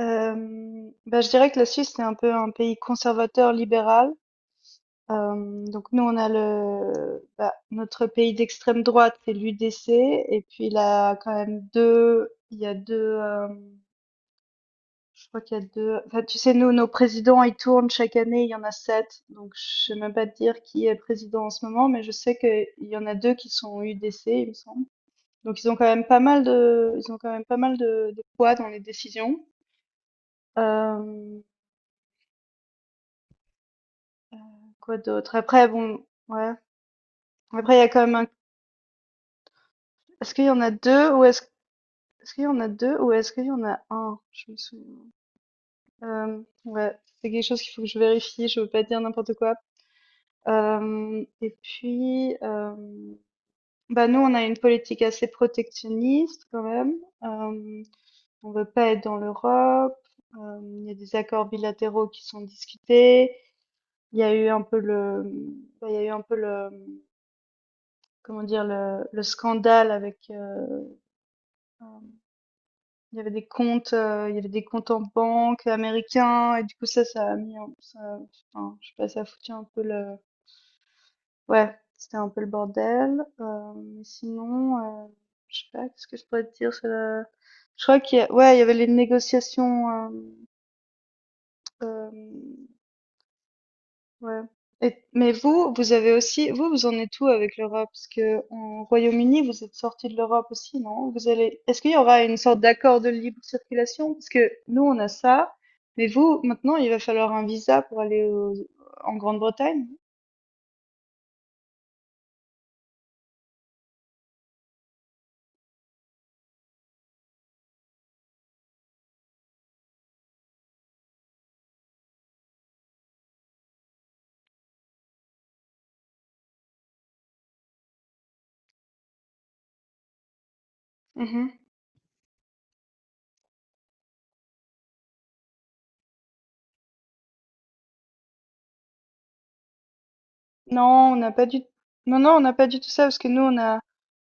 Bah, je dirais que la Suisse, c'est un peu un pays conservateur libéral. Donc nous, on a le bah, notre pays d'extrême droite, c'est l'UDC et puis il y a 2, je crois qu'il y a deux. Enfin, tu sais, nous, nos présidents, ils tournent chaque année, il y en a 7. Donc je sais même pas te dire qui est président en ce moment, mais je sais qu'il y en a 2 qui sont UDC, il me semble. Donc ils ont quand même pas mal de poids dans les décisions. Hem Quoi d'autre? Après, bon, ouais. Après il y a quand même un est-ce qu'il y en a 2 ou est-ce Est-ce qu'il y en a 2 ou est-ce qu'il y en a un? Je me souviens. Ouais, c'est quelque chose qu'il faut que je vérifie, je veux pas dire n'importe quoi. Et puis, bah, nous on a une politique assez protectionniste quand même. Euh, on veut pas être dans l'Europe. Il y a des accords bilatéraux qui sont discutés. Il y a eu un peu le Bah, il y a eu un peu le, comment dire, le scandale avec, Hem, il y avait des comptes en banque américains. Et du coup, ça a mis un ça. Enfin, je sais pas, ça a foutu un peu le, ouais, c'était un peu le bordel. Mais sinon, heu, je sais pas, qu'est-ce que je pourrais te dire? Je crois qu'il y a, ouais, il y avait les négociations. Hem, hem Ouais. Mais vous, vous avez aussi, vous en êtes où avec l'Europe? Parce que en Royaume-Uni, vous êtes sorti de l'Europe aussi, non? Est-ce qu'il y aura une sorte d'accord de libre circulation? Parce que nous, on a ça, mais vous, maintenant, il va falloir un visa pour aller en Grande-Bretagne? Mhm. Non, on n'a pas du, non, non, on n'a pas du tout ça parce que nous,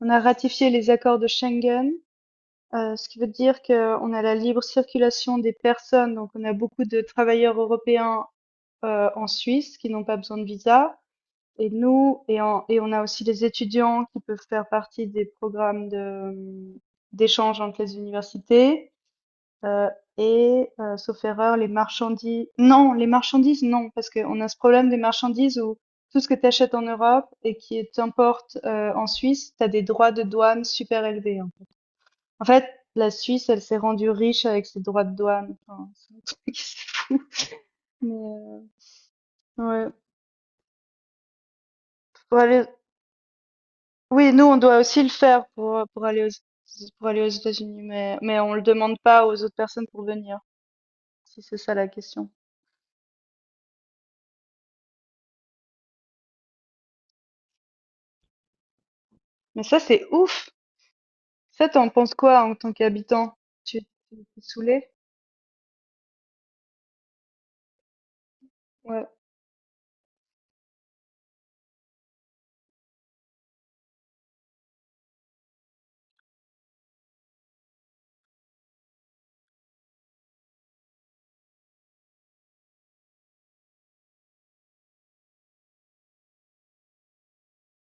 on a ratifié les accords de Schengen, ce qui veut dire qu'on a la libre circulation des personnes, donc on a beaucoup de travailleurs européens en Suisse qui n'ont pas besoin de visa. Et nous, et on a aussi les étudiants qui peuvent faire partie des programmes d'échange entre les universités. euh, et, sauf erreur, les marchandises. Non, les marchandises, non, parce qu'on a ce problème des marchandises où tout ce que tu achètes en Europe et qui t'importe en Suisse, tu as des droits de douane super élevés, hein. En fait, la Suisse, elle s'est rendue riche avec ses droits de douane. Enfin, c'est un truc. Mais, ouais. Pour aller- Oui, nous, on doit aussi le faire pour aller aux États-Unis, mais on le demande pas aux autres personnes pour venir, si c'est ça la question. Mais ça, c'est ouf! Ça, t'en penses quoi en tant qu'habitant? Tu tu- Tu es saoulé? Ouais.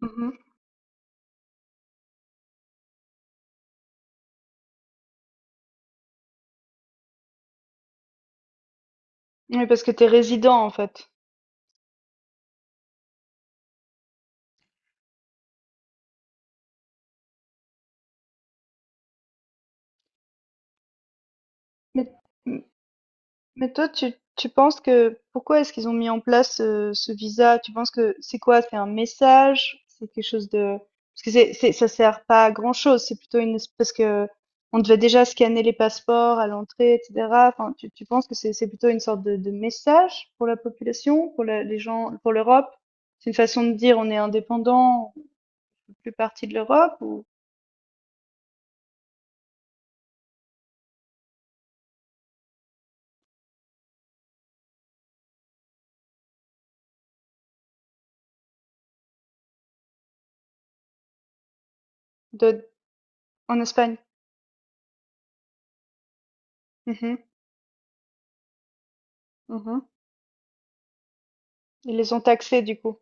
Mhm. Oui, parce que t'es résident, en fait. Mais, Mais toi, tu penses que pourquoi est-ce qu'ils ont mis en place ce visa? Tu penses que c'est quoi? C'est un message? C'est quelque chose de. Parce que ça sert pas à grand-chose. C'est plutôt une. Parce que on devait déjà scanner les passeports à l'entrée, etc. Enfin, tu penses que c'est plutôt une sorte de message pour la population, pour les gens, pour l'Europe? C'est une façon de dire on est indépendant, on fait plus partie de l'Europe ou de, en Espagne? Mhm, mhm. Ils les ont taxés du coup.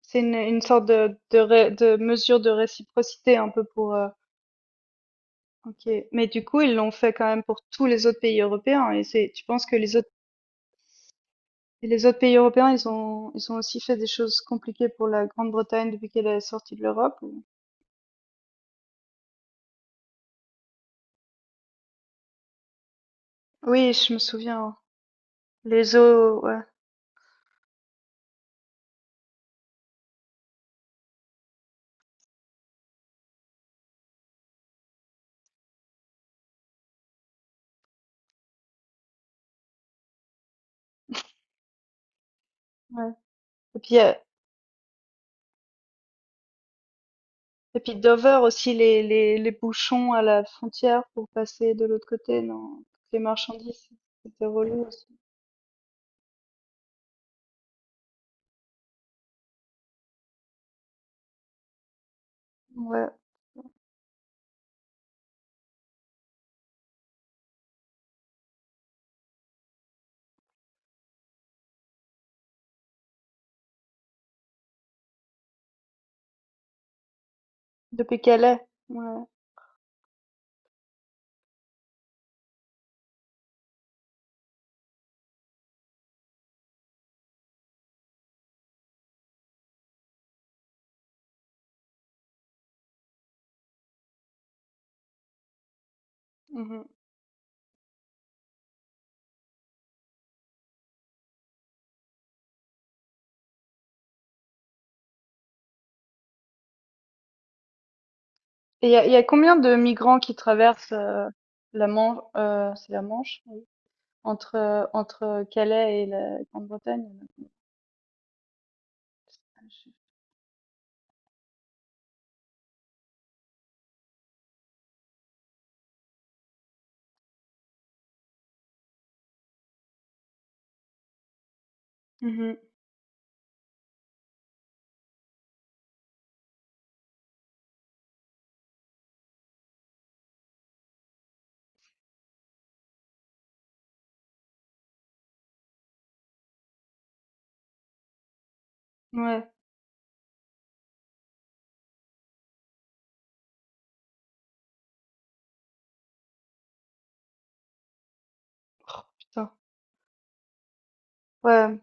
C'est une sorte de mesure de réciprocité un peu pour. OK. Mais du coup, ils l'ont fait quand même pour tous les autres pays européens. Tu penses que les autres pays européens, ils ont aussi fait des choses compliquées pour la Grande-Bretagne depuis qu'elle est sortie de l'Europe? Oui, je me souviens. Les eaux, ouais, ouais. Et puis, euh, et puis Dover aussi, les bouchons à la frontière pour passer de l'autre côté, non? Les marchandises, c'était relou aussi. Ouais. Depuis Calais. Ouais. Mhm. Il y a combien de migrants qui traversent, la Manche, c'est la Manche, entre Calais et la Grande-Bretagne? Mhm. Ouais, putain. Ouais.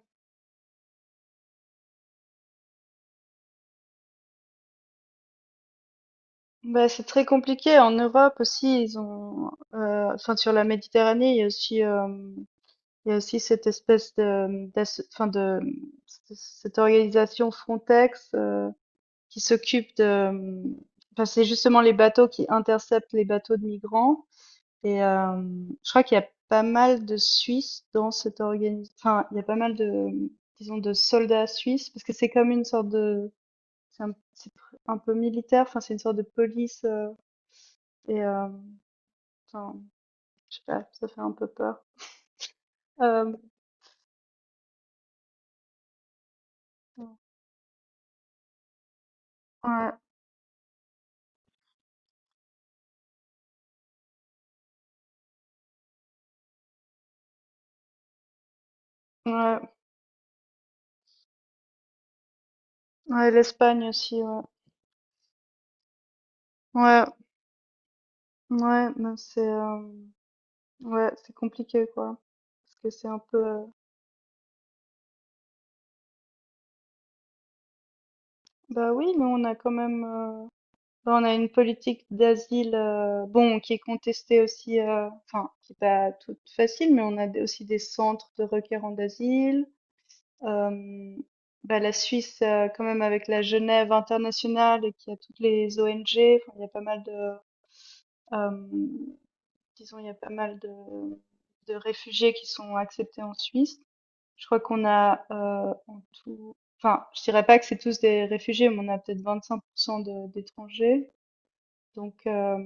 Bah, c'est très compliqué. En Europe aussi, enfin, sur la Méditerranée, il y a aussi cette espèce enfin, cette organisation Frontex, qui s'occupe de, enfin, c'est justement les bateaux qui interceptent les bateaux de migrants. Et je crois qu'il y a pas mal de Suisses dans cette organisation. Enfin, il y a pas mal de, disons, de soldats suisses, parce que c'est comme une sorte de, c'est un, c'est pr- un peu militaire. Enfin, c'est une sorte de police. Et euh, enfin, je sais pas, ça fait un peu peur. Euh, ouais, ouais, ouais, l'Espagne aussi. Ouais, ouais, ouais, mais ouais, c'est compliqué, quoi. Parce que c'est un peu. Bah oui, mais on a quand même. Bah, on a une politique d'asile, bon, qui est contestée aussi, enfin, qui n'est pas toute facile, mais on a aussi des centres de requérants d'asile. Euh, bah, la Suisse, quand même, avec la Genève internationale et qui a toutes les ONG. Enfin, il y a pas mal euh, disons, il y a pas mal de réfugiés qui sont acceptés en Suisse. Je crois qu'on a, en tout, enfin, je dirais pas que c'est tous des réfugiés, mais on a peut-être 25% d'étrangers. Donc,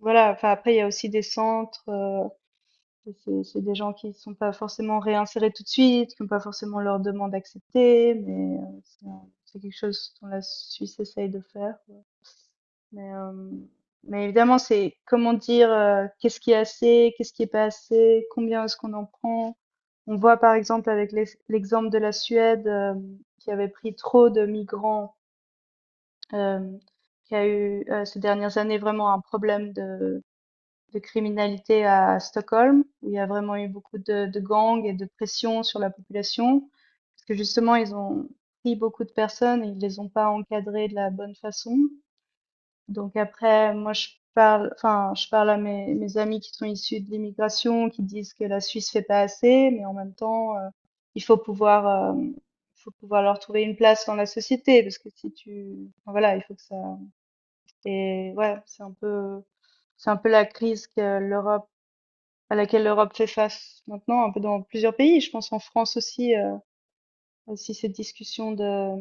voilà, enfin après il y a aussi des centres, c'est des gens qui ne sont pas forcément réinsérés tout de suite, qui ont pas forcément leur demande acceptée, mais c'est quelque chose dont la Suisse essaye de faire, ouais. Mais, hem, mais évidemment c'est comment dire, qu'est-ce qui est assez, qu'est-ce qui est pas assez, combien est-ce qu'on en prend? On voit par exemple avec l'exemple de la Suède, qui avait pris trop de migrants, hem, qui a eu, ces dernières années vraiment un problème de criminalité à Stockholm, où il y a vraiment eu beaucoup de gangs et de pression sur la population, parce que justement, ils ont pris beaucoup de personnes et ils les ont pas encadrées de la bonne façon. Donc après, moi, enfin, je parle à mes amis qui sont issus de l'immigration, qui disent que la Suisse fait pas assez, mais en même temps, il faut pouvoir, euh, faut pouvoir leur trouver une place dans la société, parce que si tu, enfin, voilà, il faut que ça, et ouais, c'est un peu la crise que l'Europe à laquelle l'Europe fait face maintenant, un peu dans plusieurs pays. Je pense en France aussi, aussi cette discussion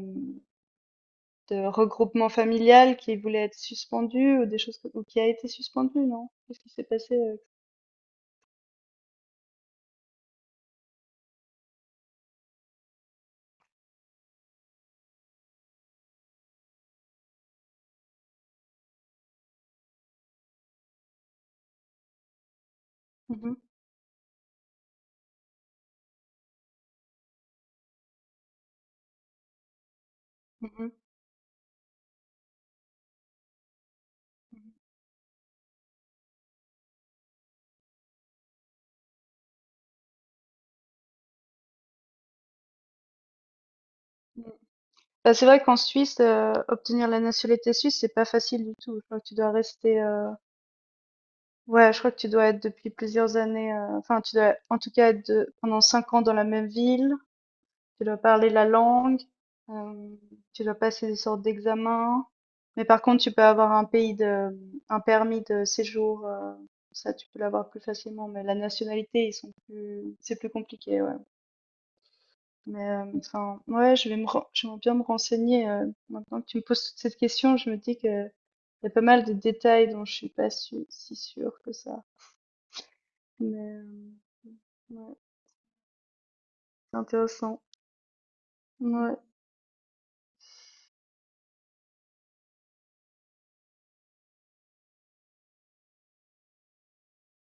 de regroupement familial qui voulait être suspendue ou des choses ou qui a été suspendue, non? Qu'est-ce qui s'est passé? Mhm, mhm, mhm, mhm. Bah, c'est vrai qu'en Suisse, obtenir la nationalité suisse, c'est pas facile du tout. Je crois que tu dois rester, Ouais, je crois que tu dois être depuis plusieurs années, enfin, tu dois en tout cas être pendant 5 ans dans la même ville. Tu dois parler la langue, euh, tu dois passer des sortes d'examens. Mais par contre, tu peux avoir un permis de séjour, ça tu peux l'avoir plus facilement. Mais la nationalité, c'est plus compliqué, ouais. Mais enfin, ouais, je vais bien me renseigner. Maintenant que tu me poses toute cette question, je me dis que il y a pas mal de détails dont je suis pas si sûre que ça. Mais ouais, c'est intéressant. Ouais.